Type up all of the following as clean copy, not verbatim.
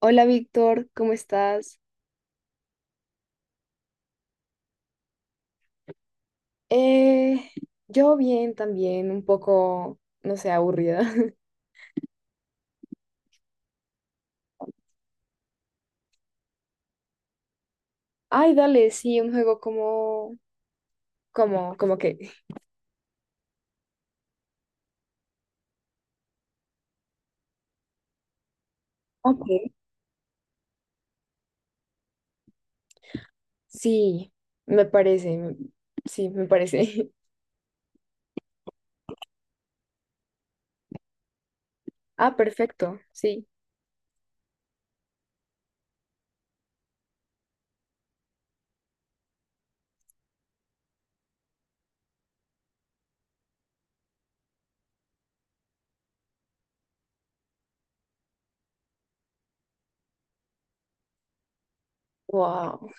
Hola Víctor, ¿cómo estás? Eh, yo bien también, un poco, no sé, aburrida. Ay, dale, sí, un juego como que. Ok. Sí, me parece, me- sí, me parece. Ah, perfecto, sí. Wow.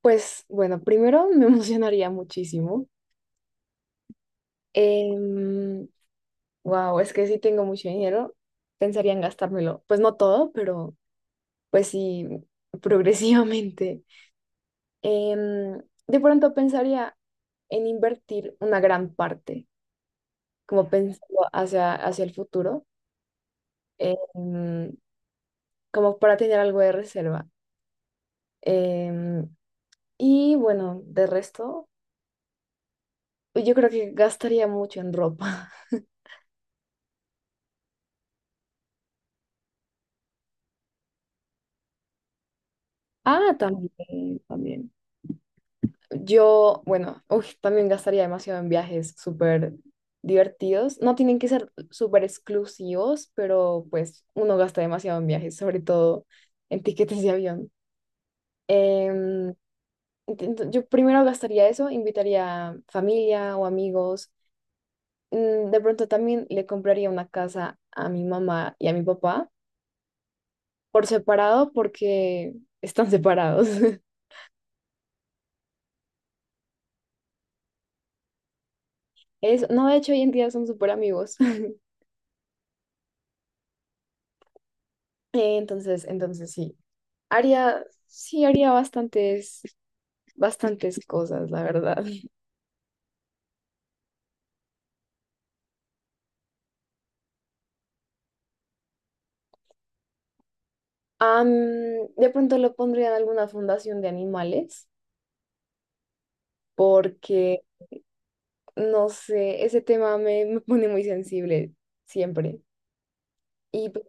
Pues bueno, primero me emocionaría muchísimo. Wow, es que sí tengo mucho dinero, pensaría en gastármelo. Pues no todo, pero pues sí, progresivamente. em, de pronto pensaría en invertir una gran parte, como pensando hacia el futuro, em, como para tener algo de reserva. Em, y bueno, de resto, pues yo creo que gastaría mucho en ropa. Ah, también, también. Yo, bueno, uy, también gastaría demasiado en viajes súper divertidos. No tienen que ser súper exclusivos, pero pues uno gasta demasiado en viajes, sobre todo en tiquetes de avión. Em, yo primero gastaría eso, invitaría familia o amigos. De pronto también le compraría una casa a mi mamá y a mi papá por separado porque están separados. No, de hecho, hoy en día son súper amigos. Entonces sí. Haría, sí, haría bastantes cosas, la verdad. Am, de pronto lo pondría en alguna fundación de animales porque no sé, ese tema me pone muy sensible siempre. Y pues,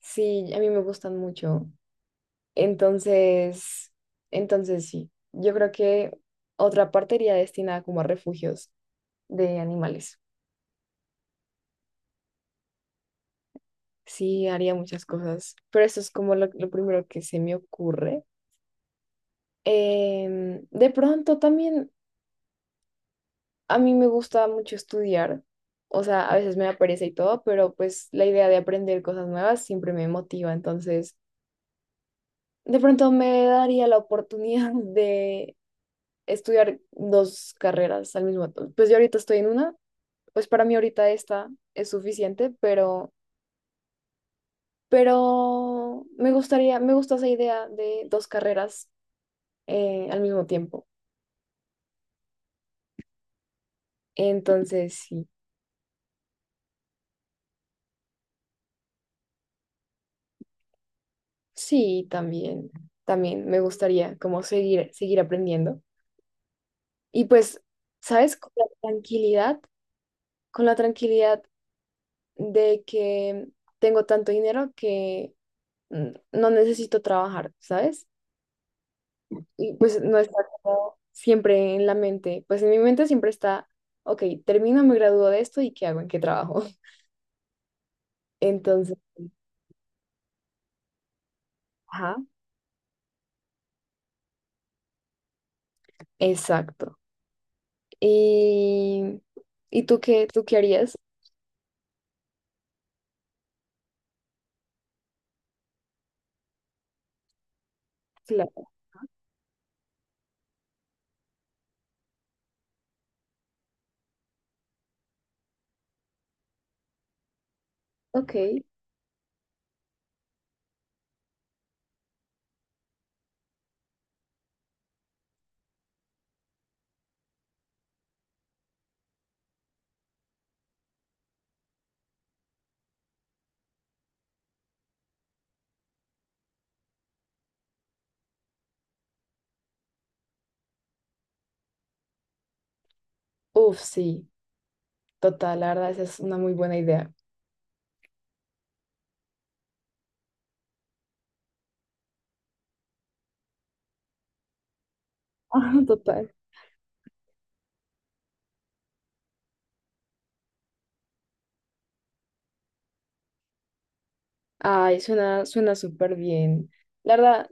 sí, a mí me gustan mucho. Entonces, entonces sí, yo creo que otra parte iría destinada como a refugios de animales. Sí, haría muchas cosas, pero eso es como lo primero que se me ocurre. De pronto también a mí me gusta mucho estudiar. O sea, a veces me da pereza y todo, pero pues la idea de aprender cosas nuevas siempre me motiva. Entonces, de pronto me daría la oportunidad de estudiar dos carreras al mismo tiempo. Pues yo ahorita estoy en una, pues para mí ahorita esta es suficiente, pero me gustaría, me gusta esa idea de dos carreras al mismo tiempo. Entonces, sí, sí, también, también me gustaría como seguir aprendiendo. Y pues, ¿sabes? Con la tranquilidad de que tengo tanto dinero que no necesito trabajar, ¿sabes? Y pues no está como siempre en la mente, pues en mi mente siempre está, ok, termino, me gradúo de esto y ¿qué hago? ¿En qué trabajo? Entonces, ajá, exacto. Y, ¿y tú qué harías? Claro, ok. Uf, sí, total, la verdad, esa es una muy buena idea. Ah, total. Ay, suena súper bien. La verdad,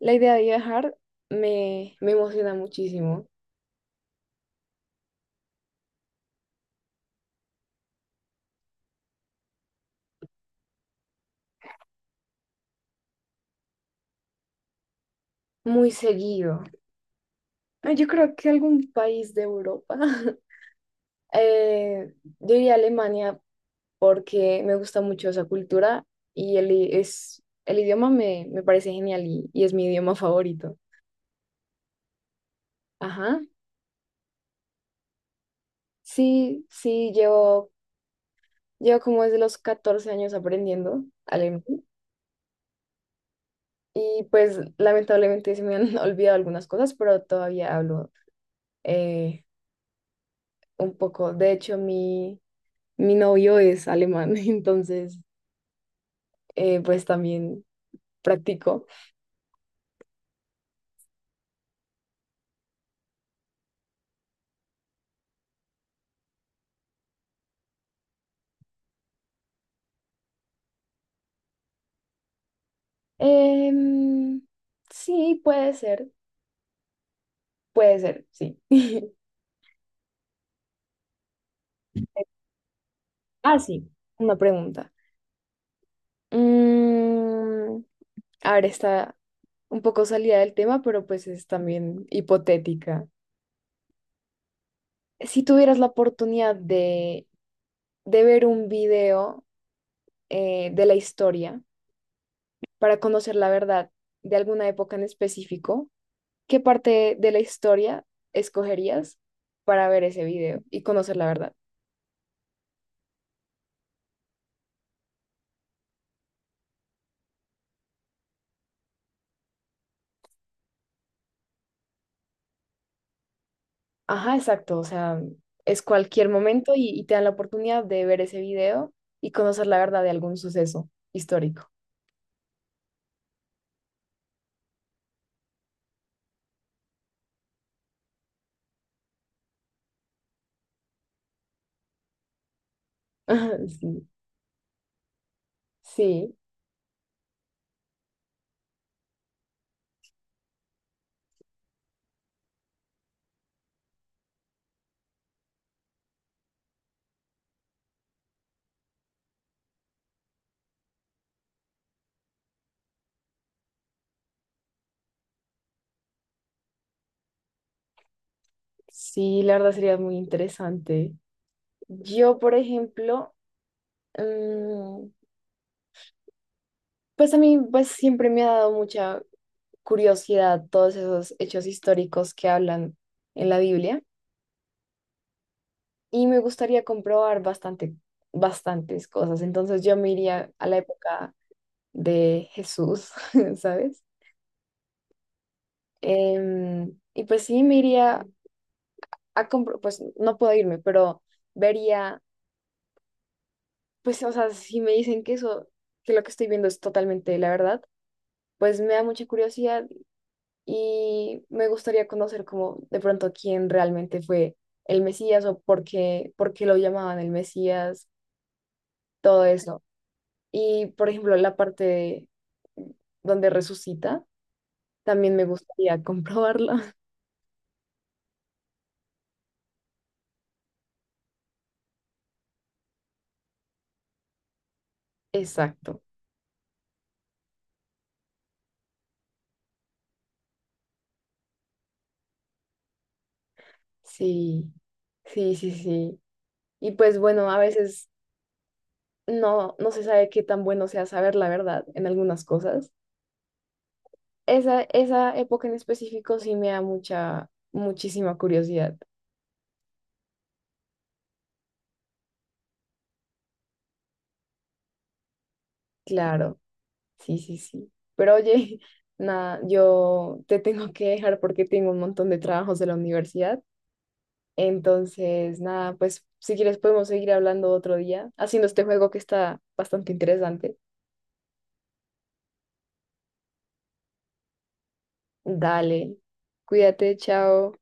la idea de viajar me emociona muchísimo, muy seguido. Ah, yo creo que algún país de Europa. Eh, yo iría a Alemania porque me gusta mucho esa cultura y el idioma me parece genial y es mi idioma favorito. Ajá. Sí, sí, llevo como desde los 14 años aprendiendo alemán y pues lamentablemente se me han olvidado algunas cosas, pero todavía hablo eh, un poco. De hecho, mi novio es alemán, entonces pues también practico. Em, sí, puede ser, sí. Ah, sí, una pregunta. Mm, a ver, está un poco salida del tema, pero pues es también hipotética. Si tuvieras la oportunidad de ver un video de la historia para conocer la verdad de alguna época en específico, ¿qué parte de la historia escogerías para ver ese video y conocer la verdad? Ajá, exacto, o sea, es cualquier momento y te dan la oportunidad de ver ese video y conocer la verdad de algún suceso histórico. Sí, sí, sí, la verdad sería muy interesante. Yo, por ejemplo, mm, pues a mí pues siempre me ha dado mucha curiosidad todos esos hechos históricos que hablan en la Biblia y me gustaría comprobar bastante, bastantes cosas. Entonces yo me iría a la época de Jesús, ¿sabes? Y pues sí, me iría a comprar, pues no puedo irme, pero vería, pues, o sea, si me dicen que eso, que lo que estoy viendo es totalmente la verdad, pues me da mucha curiosidad y me gustaría conocer como de pronto quién realmente fue el Mesías o por qué lo llamaban el Mesías, todo eso. Y, por ejemplo, donde resucita, también me gustaría comprobarla. Exacto. Sí, sí, sí, sí. Y pues bueno, a veces no, no se sabe qué tan bueno sea saber la verdad en algunas cosas. Esa época en específico sí me da mucha, muchísima curiosidad. Claro, sí, sí, sí. Pero oye, nada, yo te tengo que dejar porque tengo un montón de trabajos de la universidad. Entonces, nada, pues si quieres podemos seguir hablando otro día, haciendo este juego que está bastante interesante. Dale, cuídate, chao.